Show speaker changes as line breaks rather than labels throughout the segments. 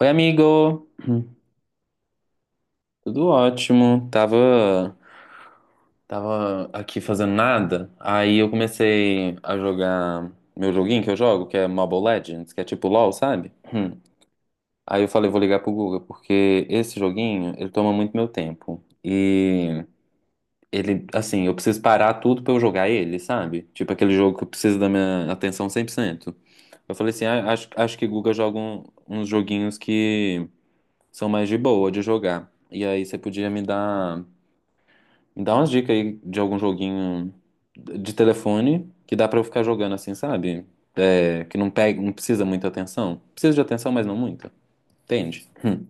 Oi, amigo. Tudo ótimo. Tava aqui fazendo nada. Aí eu comecei a jogar meu joguinho que eu jogo, que é Mobile Legends, que é tipo LoL, sabe? Hum. Aí eu falei, vou ligar pro Guga, porque esse joguinho, ele toma muito meu tempo. E ele, assim, eu preciso parar tudo pra eu jogar ele, sabe? Tipo aquele jogo que eu preciso da minha atenção 100%. Eu falei assim, ah, acho que Guga joga uns joguinhos que são mais de boa de jogar. E aí você podia me dá umas dicas aí de algum joguinho de telefone que dá pra eu ficar jogando assim, sabe? É, que não pega, não precisa muita atenção. Precisa de atenção, mas não muita. Entende? Hum.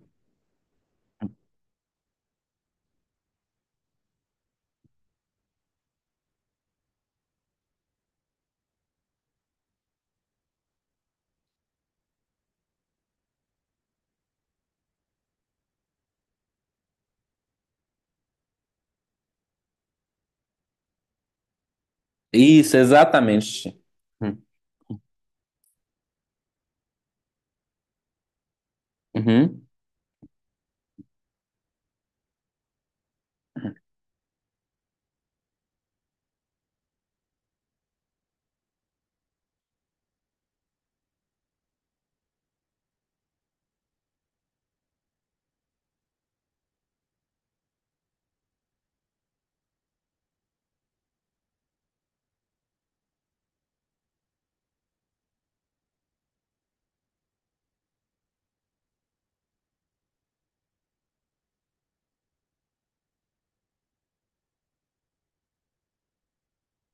Isso, exatamente. Hum. Uhum.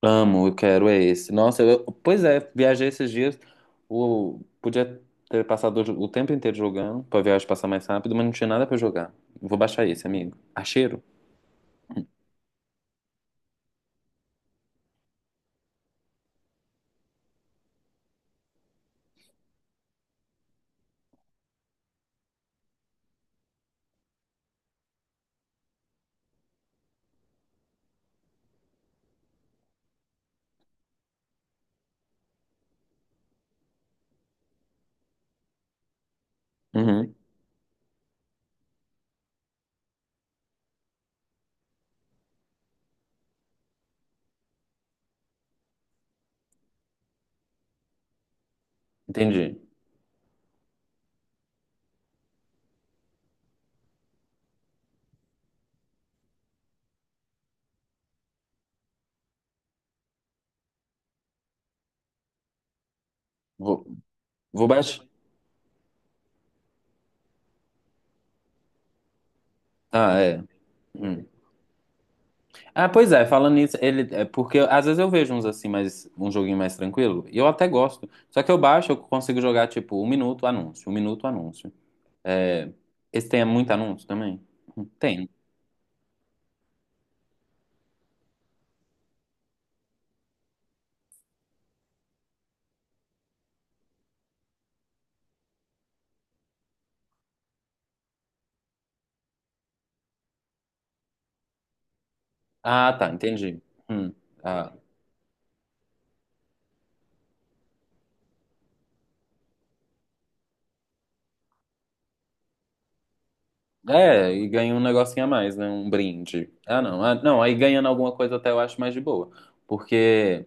Amo, eu quero é esse. Nossa, pois é, viajei esses dias. O, podia ter passado o tempo inteiro jogando pra viagem passar mais rápido, mas não tinha nada pra jogar. Vou baixar esse, amigo. Acheiro? Uhum. Entendi. Vou, vou baixar. Ah, é. Hum. Ah, pois é, falando nisso, ele, é porque às vezes eu vejo uns assim, mais, um joguinho mais tranquilo, e eu até gosto. Só que eu baixo, eu consigo jogar tipo 1 minuto anúncio, 1 minuto anúncio. É, esse tem muito anúncio também? Tem. Ah, tá, entendi. Hum, ah, é, e ganha um negocinho a mais, né? Um brinde. Ah, não. Ah, não, aí ganhando alguma coisa até eu acho mais de boa. Porque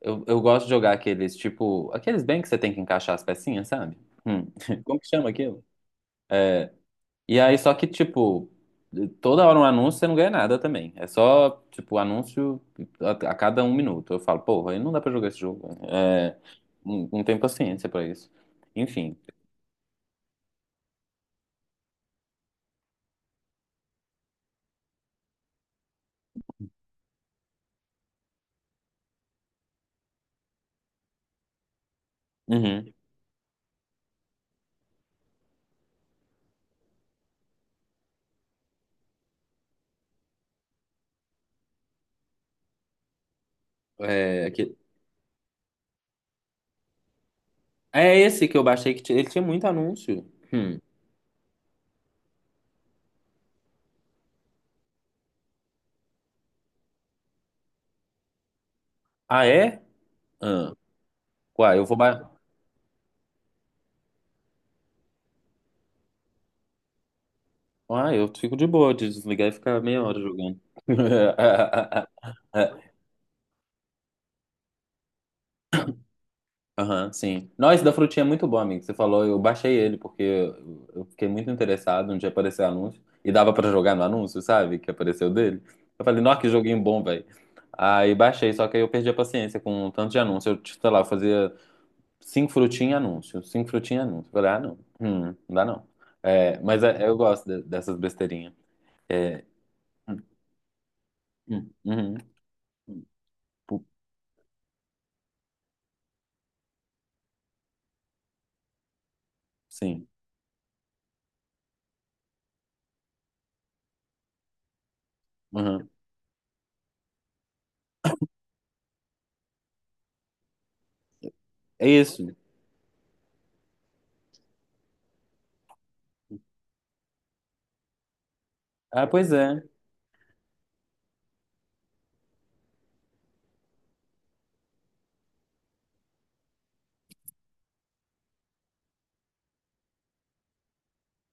eu gosto de jogar aqueles, tipo, aqueles bem que você tem que encaixar as pecinhas, sabe? Hum, Como que chama aquilo? É, e aí, só que, tipo, toda hora um anúncio, você não ganha nada também. É só, tipo, anúncio a cada 1 minuto. Eu falo, porra, aí não dá pra jogar esse jogo. É, não, não tenho paciência pra isso. Enfim. Uhum. É, é esse que eu baixei, ele tinha muito anúncio. Hum. Ah, é? Ah. Uai, eu vou... Ah, eu fico de boa de desligar e ficar meia hora jogando. Aham, sim. Nós da frutinha é muito bom, amigo. Você falou, eu baixei ele porque eu fiquei muito interessado onde apareceu o anúncio e dava pra jogar no anúncio, sabe? Que apareceu dele. Eu falei, nossa, que joguinho bom, velho. Aí baixei, só que aí eu perdi a paciência com o tanto de anúncio. Eu, tipo, sei lá, eu fazia cinco frutinhas anúncio, cinco frutinhas anúncio. Eu falei, ah, não, não dá não. É, mas eu gosto dessas besteirinhas. É, hum, uhum, pu- sim. Uhum. É isso. Ah, pois é.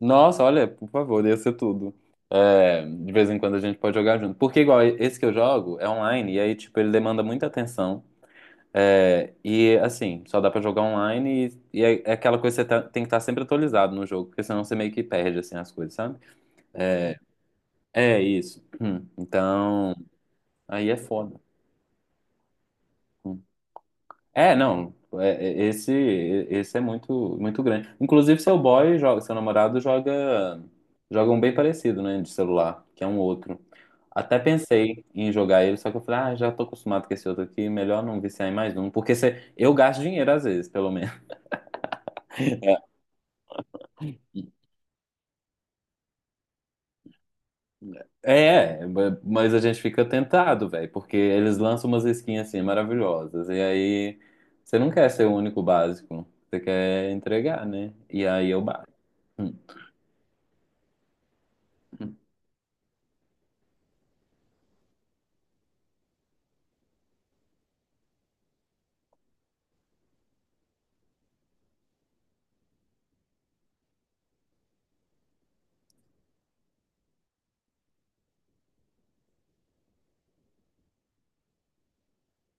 Nossa, olha, por favor, ia ser tudo. É, de vez em quando a gente pode jogar junto. Porque, igual, esse que eu jogo é online, e aí, tipo, ele demanda muita atenção. É, e, assim, só dá pra jogar online, e é aquela coisa que tem que estar sempre atualizado no jogo, porque senão você meio que perde, assim, as coisas, sabe? É isso. Então, aí é foda. Hum. É, não. é- é- Esse, esse é muito, muito grande. Inclusive, seu boy joga, seu namorado joga, joga um bem parecido, né, de celular, que é um outro. Até pensei em jogar ele, só que eu falei, ah, já tô acostumado com esse outro aqui, melhor não viciar em mais um, porque eu gasto dinheiro às vezes, pelo menos. Mas a gente fica tentado, velho, porque eles lançam umas skins assim maravilhosas, e aí você não quer ser o único básico, você quer entregar, né? E aí eu bato.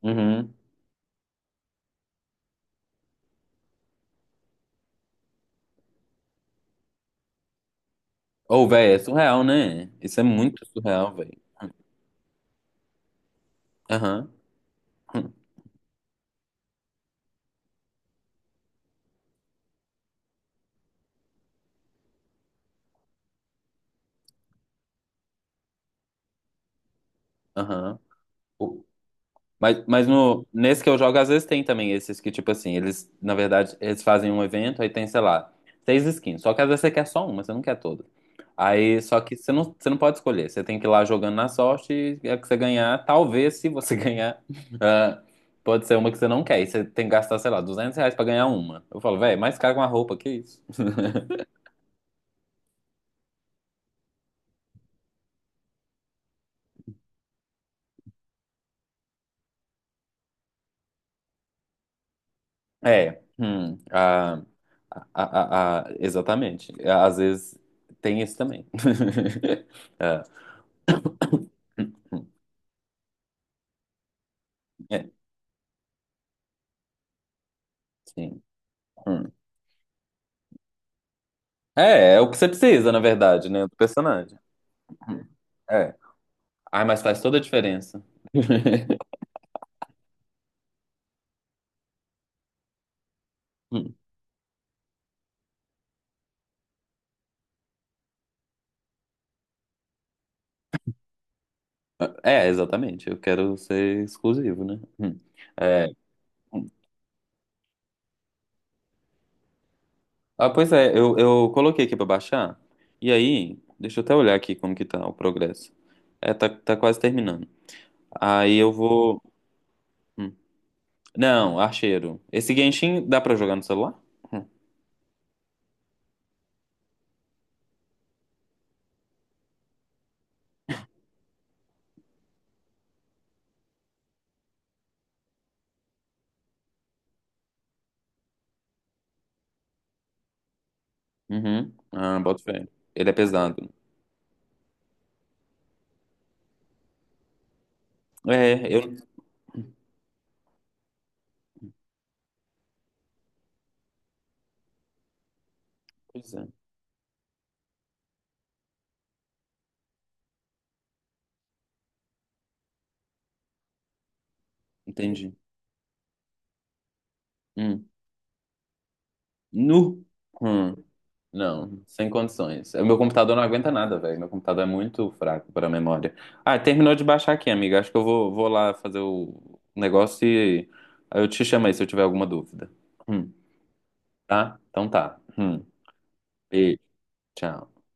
Uhum. Ou, velho, é surreal, né? Isso é muito surreal, velho. Aham. Hum, aham. O- mas no, nesse que eu jogo, às vezes tem também esses que, tipo assim, eles, na verdade, eles fazem um evento, aí tem, sei lá, seis skins. Só que às vezes você quer só uma, você não quer todas. Aí, só que você não pode escolher. Você tem que ir lá jogando na sorte e a que você ganhar, talvez, se você ganhar, ah, pode ser uma que você não quer. E você tem que gastar, sei lá, R$ 200 pra ganhar uma. Eu falo, velho, mais caro que uma roupa, que isso? É, exatamente. É, às vezes tem isso também. Ah, é, sim. Hum. É o que você precisa, na verdade, né, do personagem. Hum, É. Ah, mas faz toda a diferença. Hum. É, exatamente. Eu quero ser exclusivo, né? Hum. É. Ah, pois é, eu coloquei aqui pra baixar. E aí, deixa eu até olhar aqui como que tá o progresso. É, tá quase terminando. Aí eu vou. hum, Não, archeiro. Esse Genshin dá pra jogar no celular? Hum. Uhum. Ah, bota fé. Ele é pesado. É, eu. Pois é, entendi. Hum. Nu. Hum. Não, sem condições. O meu computador não aguenta nada, velho. Meu computador é muito fraco para memória. Ah, terminou de baixar aqui, amiga. Acho que eu vou lá fazer o negócio e aí eu te chamo aí se eu tiver alguma dúvida. Hum. Tá? Então tá. Hum. Beijo. Tchau.